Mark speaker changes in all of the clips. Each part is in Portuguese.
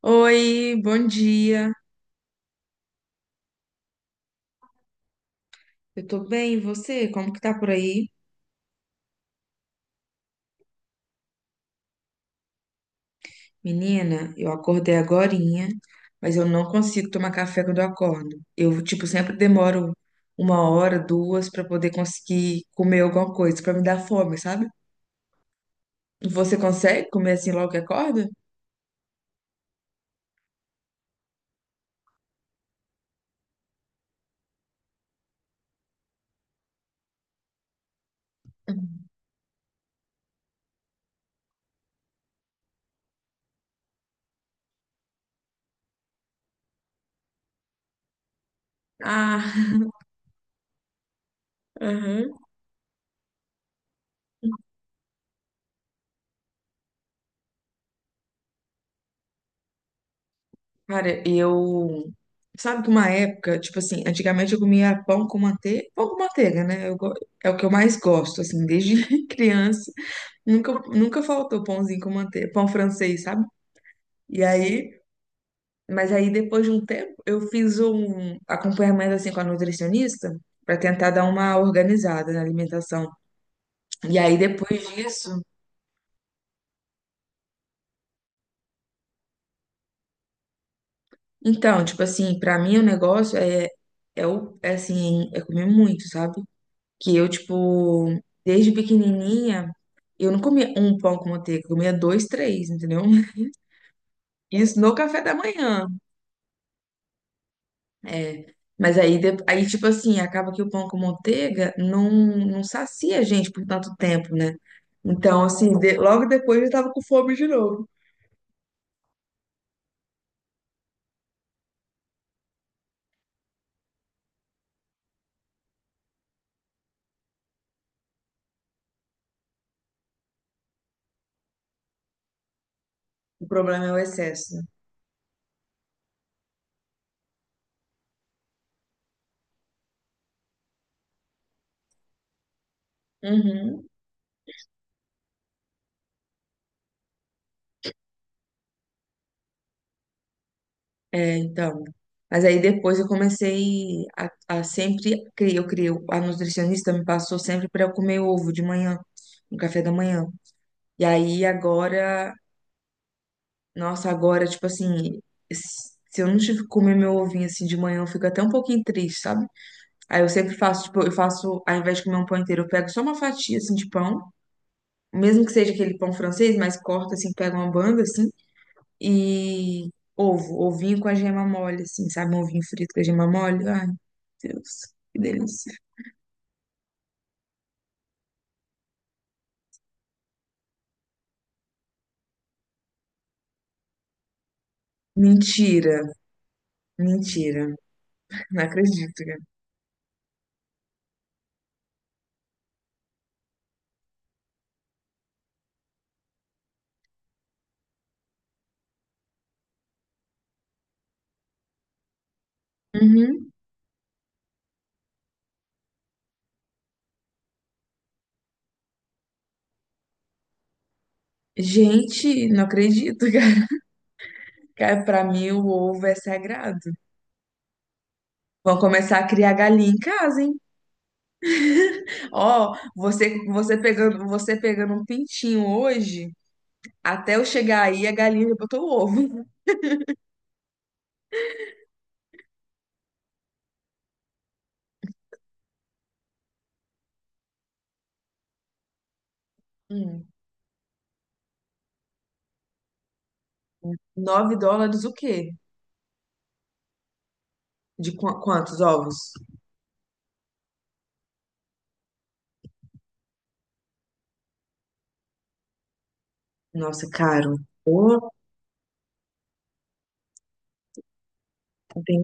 Speaker 1: Oi, bom dia. Eu tô bem, e você? Como que tá por aí? Menina, eu acordei agorinha, mas eu não consigo tomar café quando eu acordo. Eu, tipo, sempre demoro uma hora, duas pra poder conseguir comer alguma coisa, pra me dar fome, sabe? Você consegue comer assim logo que acorda? Ah, aham. Cara, eu. Sabe que uma época, tipo assim, antigamente eu comia pão com manteiga, né? É o que eu mais gosto, assim, desde criança. Nunca, nunca faltou pãozinho com manteiga, pão francês, sabe? E aí, mas aí depois de um tempo, eu fiz um acompanhamento, assim, com a nutricionista, pra tentar dar uma organizada na alimentação. E aí depois disso, então, tipo assim, pra mim o negócio é, é assim, é comer muito, sabe? Que eu, tipo, desde pequenininha, eu não comia um pão com manteiga, eu comia dois, três, entendeu? Isso no café da manhã. É. Mas aí, aí, tipo assim, acaba que o pão com manteiga não, não sacia a gente por tanto tempo, né? Então, assim, logo depois eu tava com fome de novo. O problema é o excesso. Uhum. É, então. Mas aí depois eu comecei a, a sempre. Eu criei, a nutricionista me passou sempre para eu comer ovo de manhã, no café da manhã. E aí agora, nossa, agora, tipo assim, se eu não tive que comer meu ovinho assim de manhã, eu fico até um pouquinho triste, sabe? Aí eu sempre faço, tipo, eu faço, ao invés de comer um pão inteiro, eu pego só uma fatia assim de pão, mesmo que seja aquele pão francês, mas corta assim, pega uma banda assim, e ovo, ovinho com a gema mole, assim, sabe? Um ovinho frito com a gema mole. Ai, Deus, que delícia. Mentira, mentira. Não acredito, cara. Uhum. Gente, não acredito. Cara, pra mim o ovo é sagrado. Vão começar a criar galinha em casa, hein? Ó, você pegando, você pegando um pintinho hoje, até eu chegar aí a galinha já botou o ovo. Hum, 9 dólares o quê? De quantos ovos? Nossa, caro. Ô, tem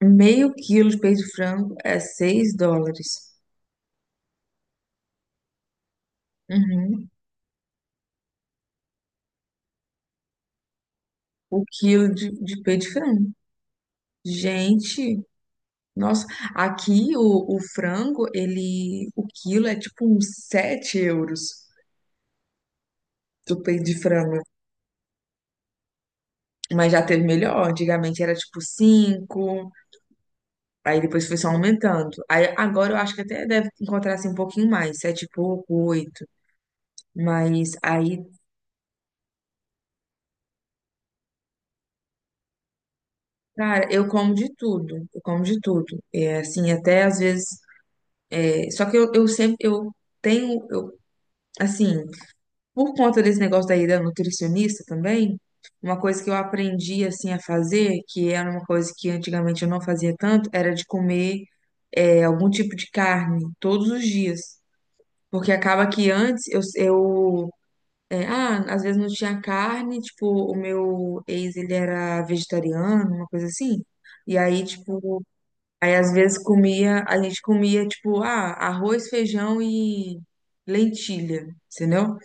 Speaker 1: meio quilo de peito de frango é 6 dólares. Uhum. O quilo de peito de frango. Gente, nossa, aqui o frango, ele, o quilo é tipo uns 7 euros do peito de frango. Mas já teve melhor, antigamente era tipo cinco, aí depois foi só aumentando. Aí agora eu acho que até deve encontrar assim um pouquinho mais, 7 e pouco, oito. Mas aí, cara, eu como de tudo, eu como de tudo. É assim, até às vezes. É, só que eu sempre, eu tenho, eu, assim. Por conta desse negócio da nutricionista também, uma coisa que eu aprendi assim a fazer, que era uma coisa que antigamente eu não fazia tanto, era de comer é, algum tipo de carne todos os dias. Porque acaba que antes eu às vezes não tinha carne, tipo, o meu ex ele era vegetariano, uma coisa assim. E aí, tipo, aí às vezes comia, a gente comia, tipo, ah, arroz, feijão e lentilha, entendeu?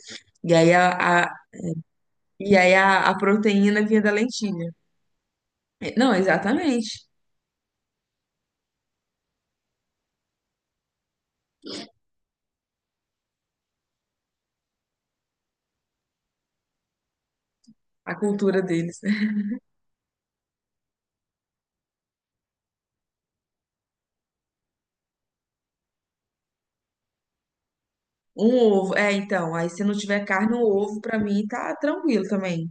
Speaker 1: E aí a, E aí a proteína vinha da lentilha. É. Não, exatamente. A cultura deles. Né? Um ovo. É, então. Aí se não tiver carne, um ovo pra mim tá tranquilo também.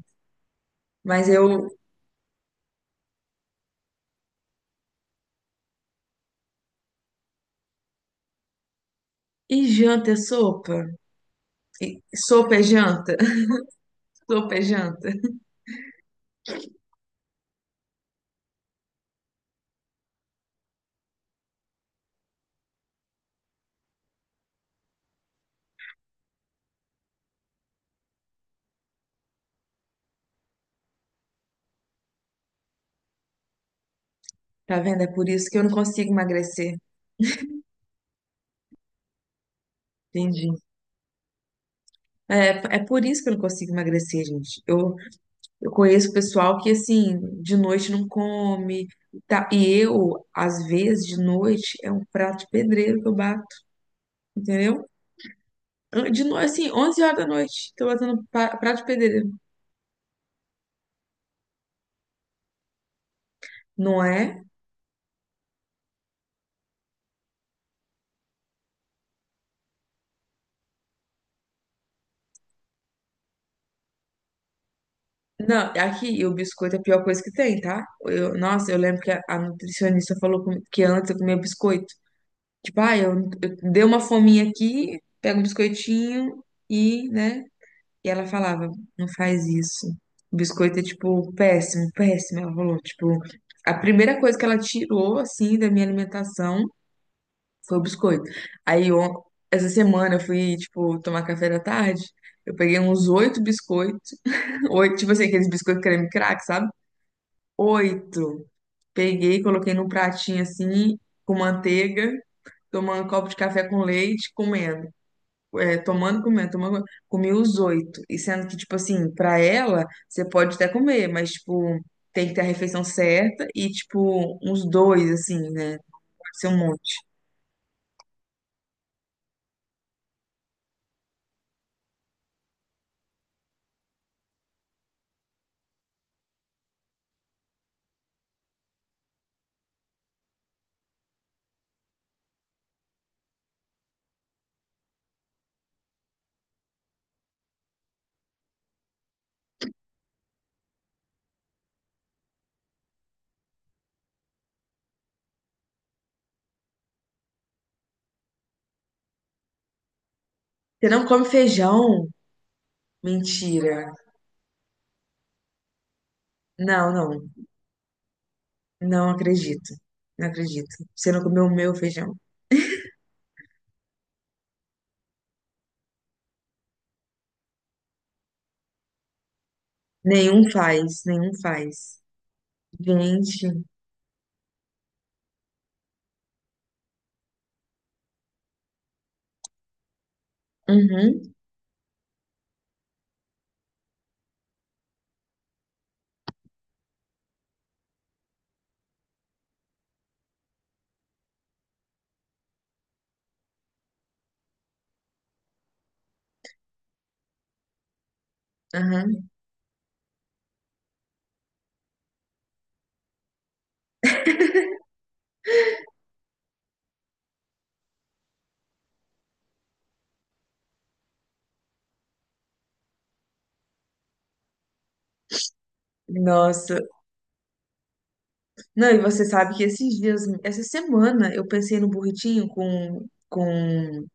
Speaker 1: Mas eu. E janta é sopa? Sopa é janta? Sopa é janta. Tá vendo? É por isso que eu não consigo emagrecer. Entendi. É por isso que eu não consigo emagrecer, gente. Eu conheço pessoal que, assim, de noite não come. Tá? E eu, às vezes, de noite, é um prato de pedreiro que eu bato, entendeu? De noite, assim, 11 horas da noite. Tô batendo prato de pedreiro. Não é? Não, é aqui e o biscoito é a pior coisa que tem, tá? Eu, nossa, eu lembro que a nutricionista falou comigo que antes eu comia biscoito. Tipo, ah, eu dei uma fominha aqui, pego um biscoitinho e, né? E ela falava, não faz isso. O biscoito é, tipo, péssimo, péssimo. Ela falou, tipo, a primeira coisa que ela tirou, assim, da minha alimentação. Foi o biscoito. Aí, essa semana eu fui, tipo, tomar café da tarde. Eu peguei uns oito biscoitos. Oito, tipo assim, aqueles biscoitos creme crack, sabe? Oito. Peguei, coloquei num pratinho assim, com manteiga, tomando um copo de café com leite, comendo. É, tomando, comendo, tomando, comendo. Comi os oito. E sendo que, tipo assim, pra ela, você pode até comer, mas, tipo, tem que ter a refeição certa e, tipo, uns dois, assim, né? Pode ser um monte. Você não come feijão? Mentira. Não, não, não acredito. Não acredito. Você não comeu o meu feijão. Nenhum faz, nenhum faz. Gente, uhum, uhum. Nossa. Não, e você sabe que esses dias, essa semana, eu pensei no burritinho com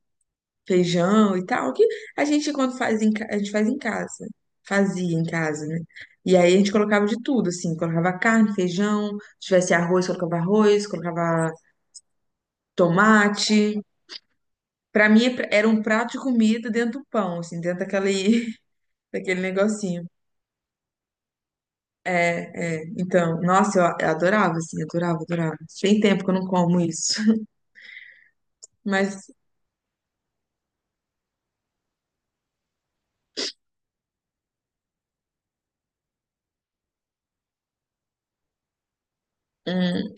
Speaker 1: feijão e tal, que a gente quando faz a gente faz em casa. Fazia em casa, né? E aí a gente colocava de tudo, assim, colocava carne, feijão, se tivesse arroz, colocava tomate. Pra mim é era um prato de comida dentro do pão, assim, dentro daquele, daquele negocinho. É, é. Então, nossa, eu adorava, assim, adorava, adorava. Tem tempo que eu não como isso. Mas, hum,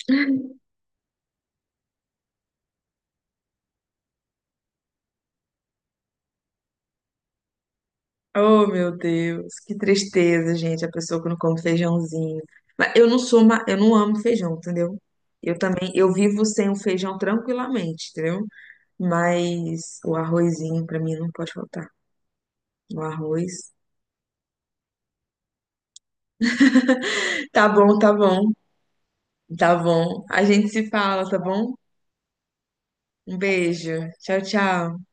Speaker 1: oh meu Deus, que tristeza, gente, a pessoa que não come feijãozinho. Mas eu não sou, eu não amo feijão, entendeu? Eu também, eu vivo sem o feijão tranquilamente, entendeu? Mas o arrozinho pra mim não pode faltar. O arroz. Tá bom, tá bom. Tá bom. A gente se fala, tá bom? Um beijo. Tchau, tchau.